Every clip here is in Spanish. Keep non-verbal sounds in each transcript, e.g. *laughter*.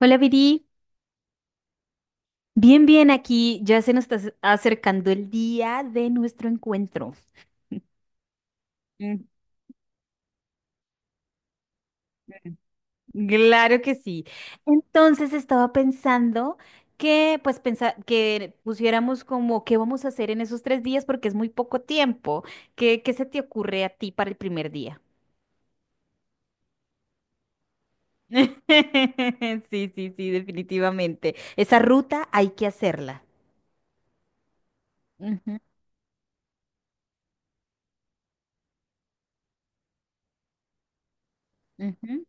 Hola, Viri. Bien, bien, aquí ya se nos está acercando el día de nuestro encuentro. Ujú. Claro que sí. Entonces estaba pensando que, pues, que pusiéramos como qué vamos a hacer en esos 3 días porque es muy poco tiempo. ¿Qué se te ocurre a ti para el primer día? *laughs* Sí, sí, sí, definitivamente. Esa ruta hay que hacerla. Ujú, ujú.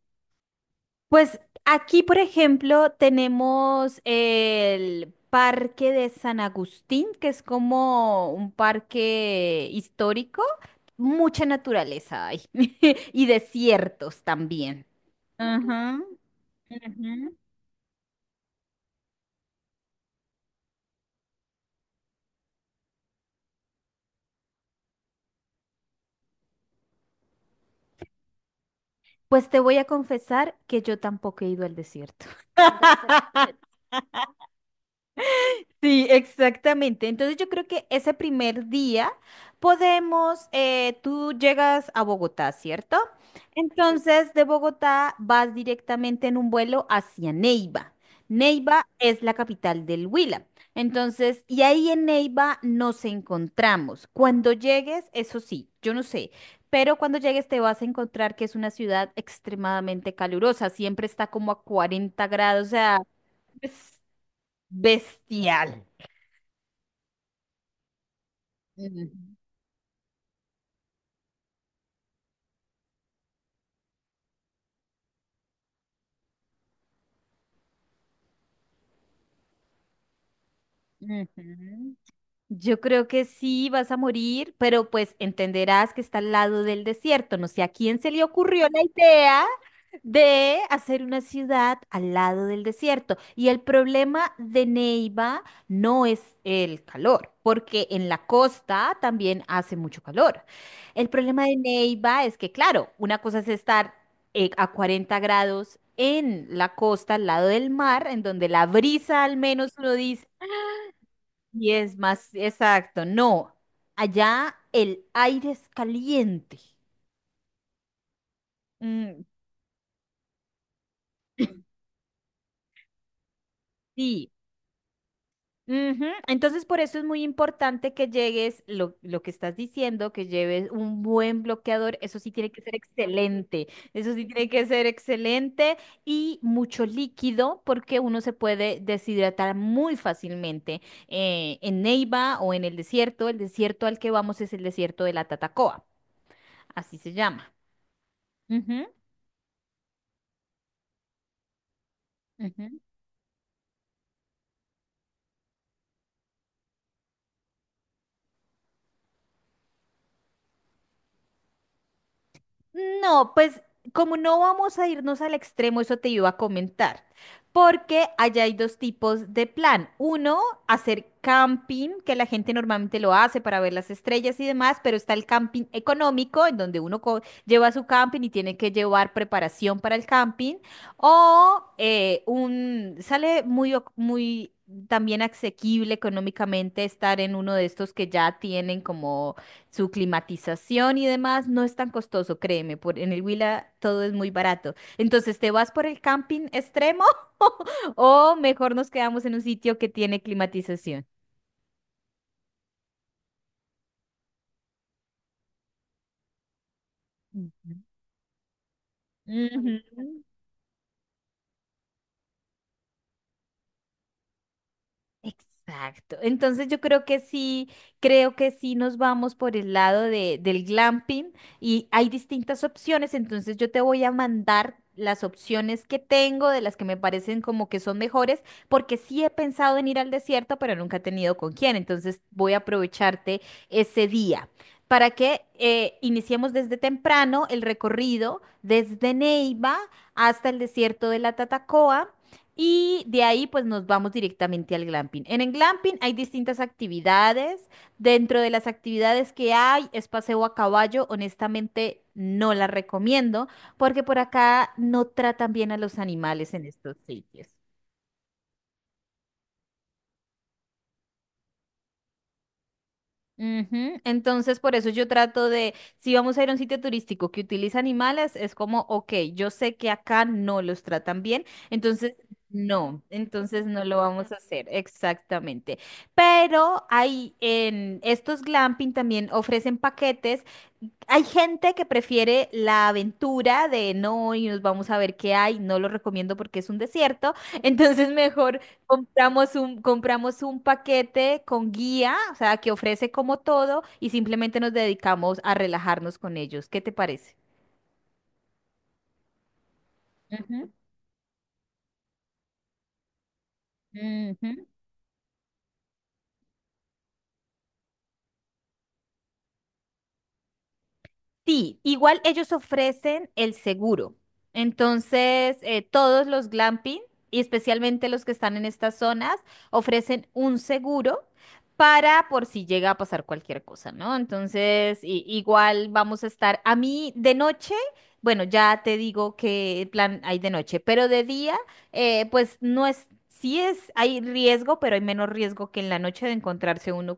Pues aquí, por ejemplo, tenemos el Parque de San Agustín, que es como un parque histórico, mucha naturaleza hay *laughs* y desiertos también. Ajá, ujú. Pues te voy a confesar que yo tampoco he ido al desierto. *laughs* Sí, exactamente. Entonces yo creo que ese primer día podemos, tú llegas a Bogotá, ¿cierto? Entonces de Bogotá vas directamente en un vuelo hacia Neiva. Neiva es la capital del Huila. Entonces, y ahí en Neiva nos encontramos. Cuando llegues, eso sí, yo no sé, pero cuando llegues te vas a encontrar que es una ciudad extremadamente calurosa. Siempre está como a 40 grados, o sea, es bestial. Ujú, ujú. Yo creo que sí vas a morir, pero pues entenderás que está al lado del desierto. No sé a quién se le ocurrió la idea de hacer una ciudad al lado del desierto. Y el problema de Neiva no es el calor, porque en la costa también hace mucho calor. El problema de Neiva es que, claro, una cosa es estar a 40 grados en la costa, al lado del mar, en donde la brisa al menos uno dice, y es más exacto. No, allá el aire es caliente. Mm, sí. Ujú. Entonces, por eso es muy importante que llegues, lo que estás diciendo, que lleves un buen bloqueador. Eso sí tiene que ser excelente. Eso sí tiene que ser excelente y mucho líquido porque uno se puede deshidratar muy fácilmente en Neiva o en el desierto. El desierto al que vamos es el desierto de la Tatacoa. Así se llama. Ujú, ujú. No, pues como no vamos a irnos al extremo, eso te iba a comentar, porque allá hay dos tipos de plan. Uno, hacer camping, que la gente normalmente lo hace para ver las estrellas y demás, pero está el camping económico, en donde uno lleva su camping y tiene que llevar preparación para el camping, o sale muy también asequible económicamente estar en uno de estos que ya tienen como su climatización y demás, no es tan costoso, créeme, por, en el Huila todo es muy barato. Entonces, ¿te vas por el camping extremo *laughs* o mejor nos quedamos en un sitio que tiene climatización? Ujú. Exacto. Entonces yo creo que sí nos vamos por el lado del glamping y hay distintas opciones, entonces yo te voy a mandar las opciones que tengo, de las que me parecen como que son mejores, porque sí he pensado en ir al desierto, pero nunca he tenido con quién, entonces voy a aprovecharte ese día para que iniciemos desde temprano el recorrido desde Neiva hasta el desierto de la Tatacoa. Y de ahí pues nos vamos directamente al glamping. En el glamping hay distintas actividades. Dentro de las actividades que hay es paseo a caballo. Honestamente no la recomiendo porque por acá no tratan bien a los animales en estos sitios. Ujú. Entonces, por eso yo trato de, si vamos a ir a un sitio turístico que utiliza animales, es como, ok, yo sé que acá no los tratan bien, entonces no, entonces no lo vamos a hacer, exactamente. Pero hay, en estos glamping también ofrecen paquetes, hay gente que prefiere la aventura de no, y nos vamos a ver qué hay. No lo recomiendo porque es un desierto. *laughs* Entonces mejor compramos un paquete con guía, o sea, que ofrece como todo y simplemente nos dedicamos a relajarnos con ellos. ¿Qué te parece? Ujú, ujú. Sí, igual ellos ofrecen el seguro. Entonces, todos los glamping, y especialmente los que están en estas zonas, ofrecen un seguro para por si llega a pasar cualquier cosa, ¿no? Entonces, igual vamos a estar, a mí de noche, bueno, ya te digo qué plan hay de noche, pero de día, pues no es, sí es, hay riesgo, pero hay menos riesgo que en la noche de encontrarse uno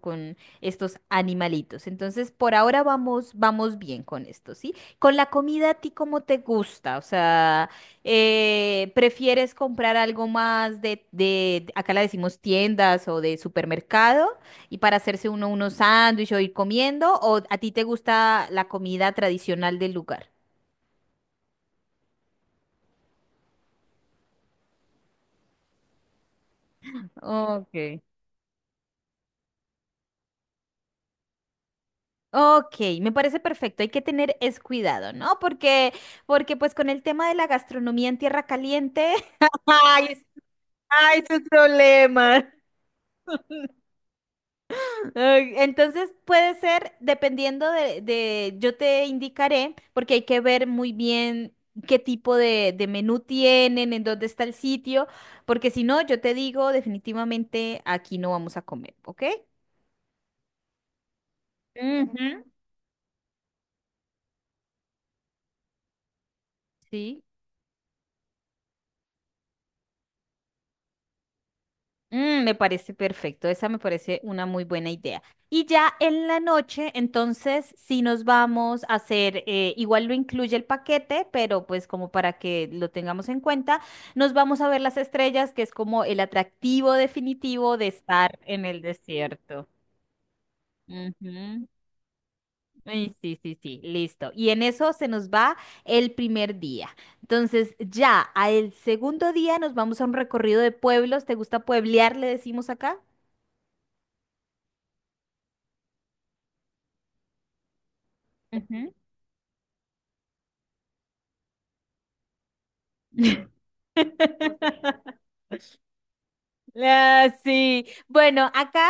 estos animalitos. Entonces, por ahora vamos bien con esto, ¿sí? Con la comida, ¿a ti cómo te gusta? O sea, ¿prefieres comprar algo más de, acá la decimos tiendas, o de supermercado, y para hacerse uno unos sándwiches o ir comiendo? ¿O a ti te gusta la comida tradicional del lugar? Okay, ok, me parece perfecto. Hay que tener es cuidado, ¿no? Porque pues, con el tema de la gastronomía en tierra caliente, *laughs* ay, ay, su problema. Ay, entonces puede ser, dependiendo yo te indicaré, porque hay que ver muy bien qué tipo de menú tienen, en dónde está el sitio, porque si no, yo te digo definitivamente aquí no vamos a comer, ¿ok? Ujú. Sí. Me parece perfecto, esa me parece una muy buena idea. Y ya en la noche, entonces, sí nos vamos a hacer, igual lo incluye el paquete, pero pues como para que lo tengamos en cuenta, nos vamos a ver las estrellas, que es como el atractivo definitivo de estar en el desierto. Ujú. Ay, sí, sí, sí, listo. Y en eso se nos va el primer día. Entonces, ya al segundo día nos vamos a un recorrido de pueblos. ¿Te gusta pueblear? Le decimos acá. *laughs* Ah, sí, bueno, acá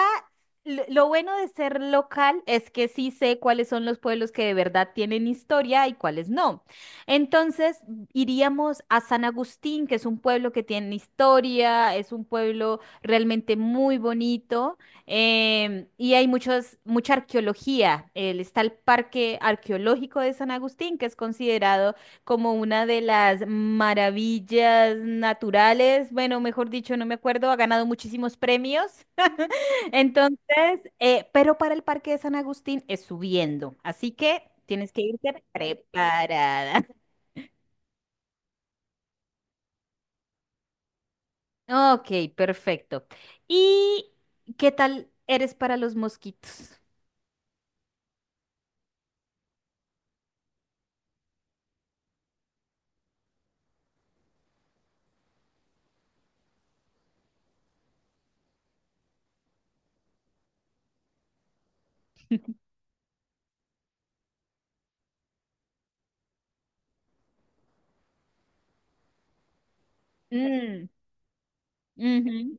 lo bueno de ser local es que sí sé cuáles son los pueblos que de verdad tienen historia y cuáles no. Entonces, iríamos a San Agustín, que es un pueblo que tiene historia, es un pueblo realmente muy bonito, y hay mucha arqueología. Está el Parque Arqueológico de San Agustín, que es considerado como una de las maravillas naturales, bueno, mejor dicho, no me acuerdo, ha ganado muchísimos premios. *laughs* Entonces, pero para el Parque de San Agustín es subiendo, así que tienes que irte preparada. *laughs* Ok, perfecto. ¿Y qué tal eres para los mosquitos? Mm, ujú.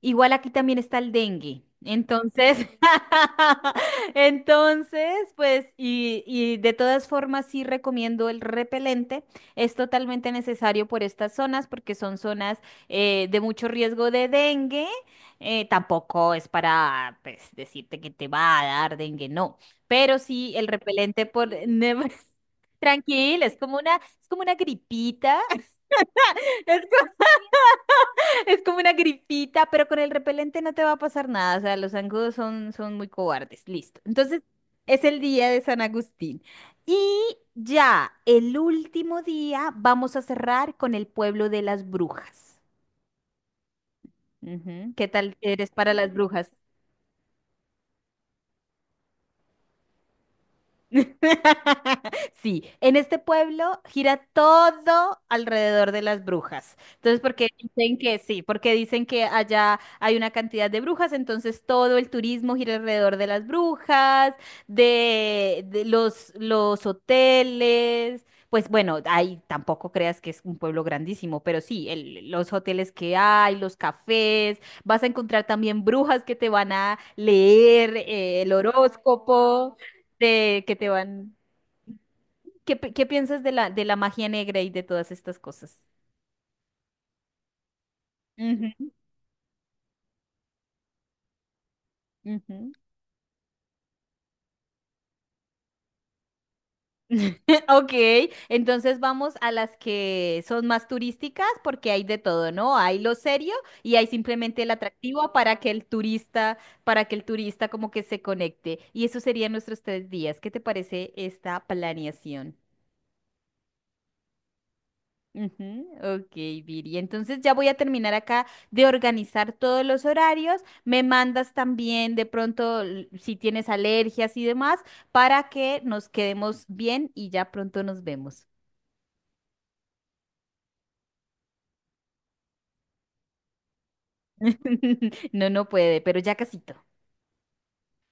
Igual aquí también está el dengue. Entonces, *laughs* entonces, pues, y de todas formas sí recomiendo el repelente. Es totalmente necesario por estas zonas porque son zonas de mucho riesgo de dengue. Tampoco es para, pues, decirte que te va a dar dengue, no. Pero sí el repelente, por... *laughs* Tranquila, es como una gripita. *laughs* *laughs* Es como una gripita, pero con el repelente no te va a pasar nada. O sea, los zancudos son muy cobardes. Listo. Entonces, es el día de San Agustín. Y ya, el último día vamos a cerrar con el pueblo de las brujas. Ujú. ¿Qué tal eres para las brujas? *laughs* Sí, en este pueblo gira todo alrededor de las brujas. Entonces, porque dicen que sí, porque dicen que allá hay una cantidad de brujas, entonces todo el turismo gira alrededor de las brujas, de los hoteles. Pues bueno, ahí tampoco creas que es un pueblo grandísimo, pero sí, los hoteles que hay, los cafés, vas a encontrar también brujas que te van a leer el horóscopo de que te van. ¿Qué piensas de la, magia negra y de todas estas cosas? Ujú, ujú. *laughs* Ok, entonces vamos a las que son más turísticas porque hay de todo, ¿no? Hay lo serio y hay simplemente el atractivo para que el turista, para que el turista como que se conecte. Y eso serían nuestros 3 días. ¿Qué te parece esta planeación? Ujú. Ok, Viri. Entonces ya voy a terminar acá de organizar todos los horarios. Me mandas también de pronto si tienes alergias y demás para que nos quedemos bien y ya pronto nos vemos. *laughs* No, no puede, pero ya casito.